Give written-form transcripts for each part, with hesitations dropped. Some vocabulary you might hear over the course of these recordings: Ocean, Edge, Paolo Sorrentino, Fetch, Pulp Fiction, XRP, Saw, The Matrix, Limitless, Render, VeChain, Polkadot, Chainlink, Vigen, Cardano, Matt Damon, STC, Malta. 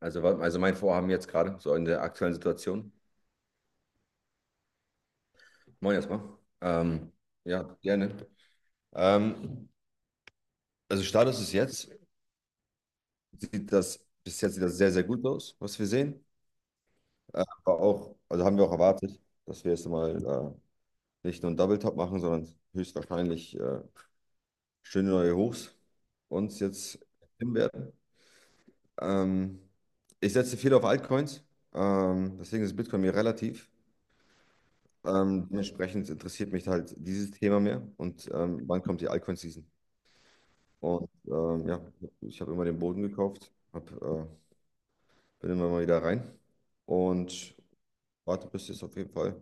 Also, also mein Vorhaben jetzt gerade, so in der aktuellen Situation. Moin erstmal. Ähm, ja, gerne. Ähm, also Status ist jetzt, bis jetzt sieht das sehr, sehr gut aus, was wir sehen. Aber auch, also haben wir auch erwartet, dass wir jetzt mal nicht nur einen Double Top machen, sondern höchstwahrscheinlich schöne neue Hochs uns jetzt hin werden. Ähm, Ich setze viel auf Altcoins, deswegen ist Bitcoin mir relativ. Dementsprechend interessiert mich halt dieses Thema mehr, und wann kommt die Alcon-Season? Und ja, ich habe immer den Boden gekauft, bin immer mal wieder rein und warte, bis jetzt auf jeden Fall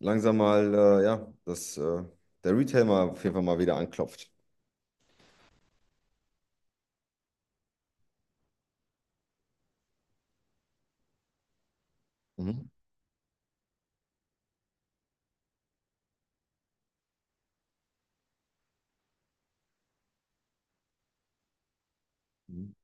langsam mal, ja, dass der Retail mal auf jeden Fall mal wieder anklopft. Mhm. Mhm.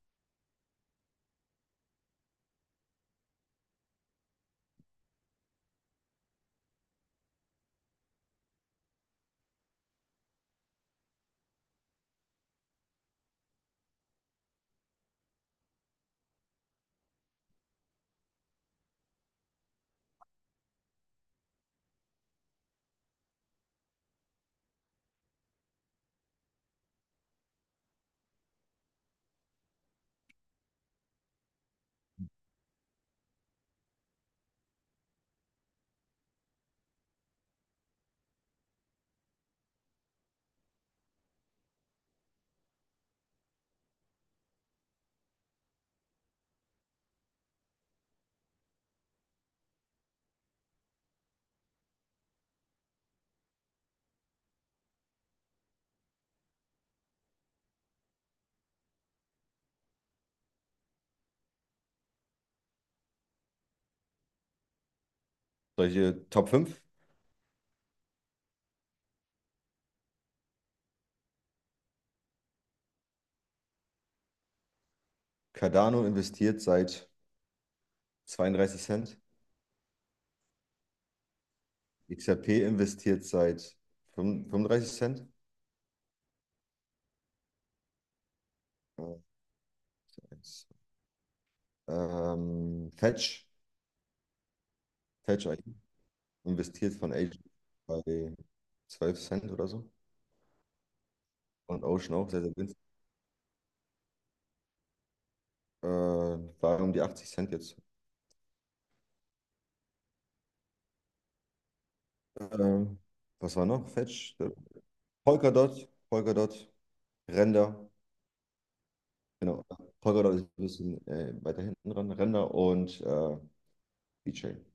Solche Top fünf? Cardano investiert seit 32 Cent, XRP investiert seit 35 Cent, äh, Fetch. Fetch investiert von Agent bei 12 Cent oder so. Und Ocean auch sehr, sehr günstig. War um die 80 Cent jetzt. Äh, was war noch? Fetch? Polkadot, Render. Genau. Polkadot ist ein bisschen weiter hinten dran. Render und VeChain.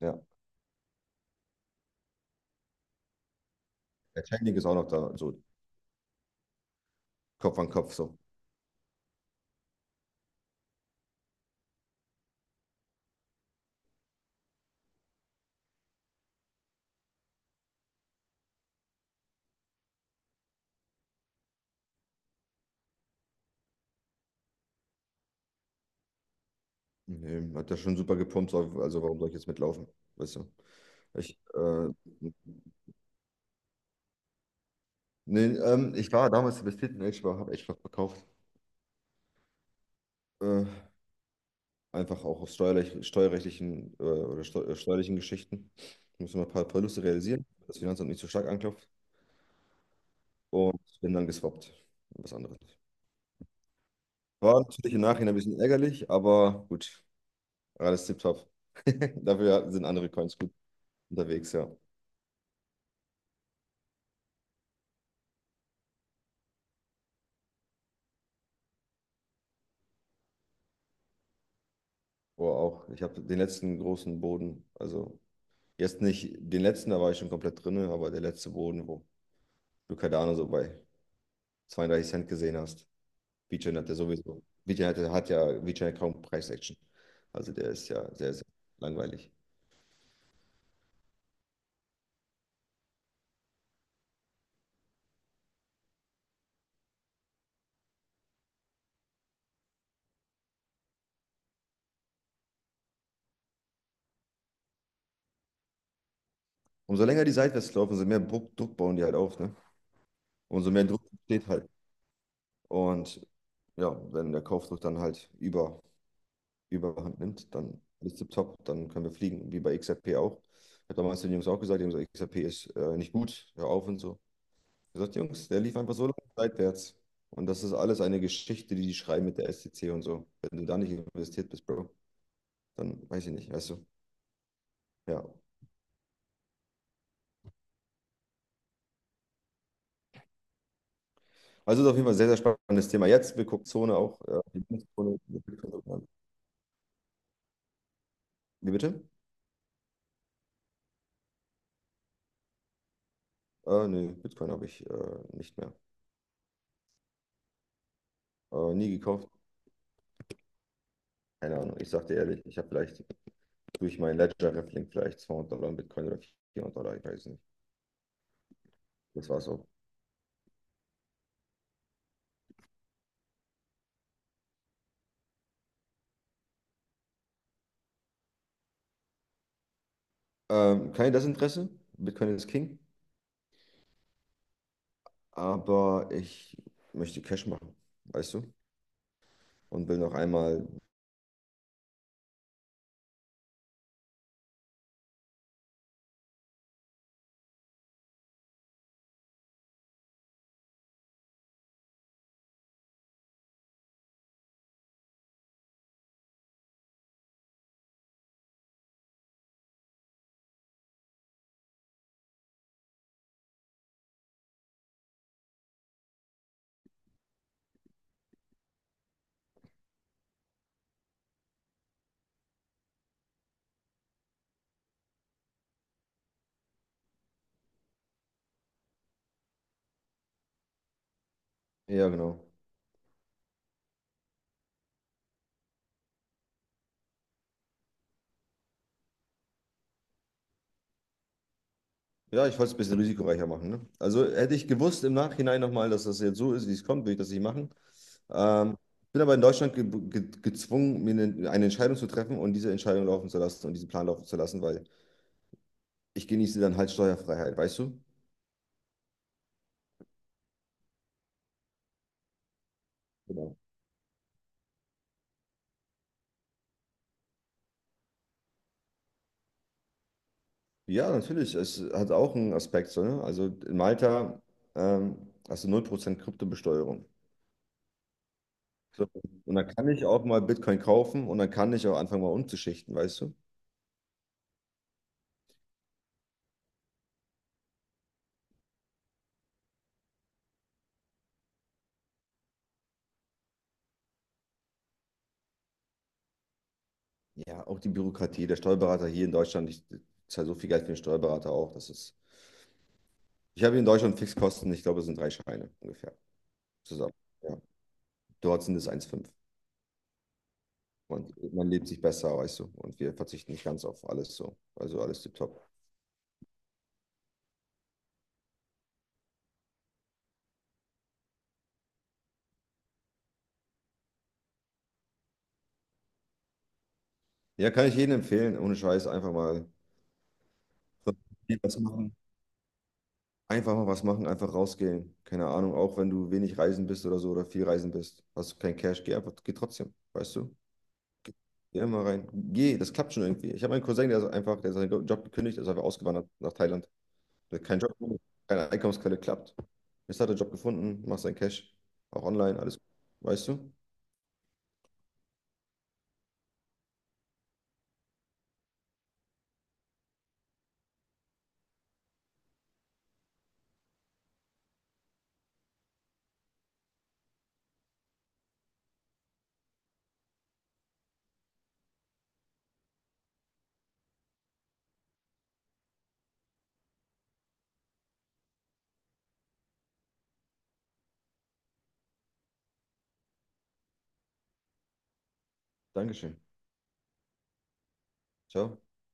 Ja. Der Chainlink ist auch noch da, so Kopf an Kopf. So. Nee, hat ja schon super gepumpt, so, also warum soll ich jetzt mitlaufen? Weißt du? Ich, äh, ich war damals investiert in Edge, aber habe Edge verkauft. Äh, Einfach auch aus steuerrechtlichen oder steu steuerlichen Geschichten. Ich muss immer ein paar Verluste realisieren, damit das Finanzamt nicht so stark anklopft. Und bin dann geswappt. Was anderes. War natürlich im Nachhinein ein bisschen ärgerlich, aber gut, alles tipptopp. Dafür sind andere Coins gut unterwegs, ja. Boah, auch. Ich habe den letzten großen Boden, also jetzt nicht den letzten, da war ich schon komplett drin, aber der letzte Boden, wo du Cardano so bei 32 Cent gesehen hast. Vigen hat ja sowieso, Vigen hat, hat ja, Vigen hat kaum Preis-Action. Also der ist ja sehr, sehr langweilig. Umso länger die Seitwärts laufen, umso mehr Druck bauen die halt auf, ne? Umso mehr Druck steht halt. Und ja, wenn der Kaufdruck dann halt überhand nimmt, dann ist es top, dann können wir fliegen, wie bei XRP auch. Ich habe damals den Jungs auch gesagt, die haben gesagt, XRP ist nicht gut, hör auf und so. Ich habe gesagt, Jungs, der lief einfach so lange seitwärts. Und das ist alles eine Geschichte, die die schreiben mit der STC und so. Wenn du da nicht investiert bist, Bro, dann weiß ich nicht, weißt du. Ja. Also ist auf jeden Fall ein sehr, sehr spannendes Thema. Jetzt, wir gucken Zone auch, die Bitcoin, wie bitte? Nee, Bitcoin habe ich nicht mehr. Nie gekauft. Keine Ahnung. Ich sag dir ehrlich, ich habe vielleicht durch meinen Ledger-Raffling vielleicht 200 $ in Bitcoin oder 400 Dollar, ich weiß nicht. Das war's auch. Kein Desinteresse. Bitcoin ist King. Aber ich möchte Cash machen, weißt du? Und will noch einmal, ja, genau. Ja, ich wollte es ein bisschen risikoreicher machen. Ne? Also hätte ich gewusst im Nachhinein nochmal, dass das jetzt so ist, wie es kommt, würde ich das nicht machen. Ähm, bin aber in Deutschland ge ge gezwungen, mir eine Entscheidung zu treffen und diese Entscheidung laufen zu lassen und diesen Plan laufen zu lassen, weil ich genieße dann halt Steuerfreiheit, weißt du? Genau. Ja, natürlich. Es hat auch einen Aspekt. So, ne? Also in Malta ähm, hast du 0% Kryptobesteuerung. So. Und dann kann ich auch mal Bitcoin kaufen und dann kann ich auch anfangen, mal umzuschichten, weißt du? Ja, auch die Bürokratie. Der Steuerberater hier in Deutschland, ich zahle so viel Geld für den Steuerberater auch. Das ist, ich habe hier in Deutschland Fixkosten, ich glaube, es sind drei Scheine ungefähr zusammen. Ja. Dort sind es 1,5. Man, man lebt sich besser, weißt du. Und wir verzichten nicht ganz auf alles so. Also alles tipptopp. Ja, kann ich jedem empfehlen. Ohne Scheiß, einfach mal was machen. Einfach mal was machen, einfach rausgehen. Keine Ahnung, auch wenn du wenig reisen bist oder so oder viel reisen bist, hast du kein Cash, geh einfach, geh trotzdem, weißt du? Geh immer rein. Geh, das klappt schon irgendwie. Ich habe einen Cousin, der ist einfach, der hat seinen Job gekündigt, ist einfach ausgewandert nach Thailand. Der hat keinen Job, keine Einkommensquelle, klappt. Jetzt hat er einen Job gefunden, macht seinen Cash, auch online, alles gut, weißt du? Dankeschön. Ciao.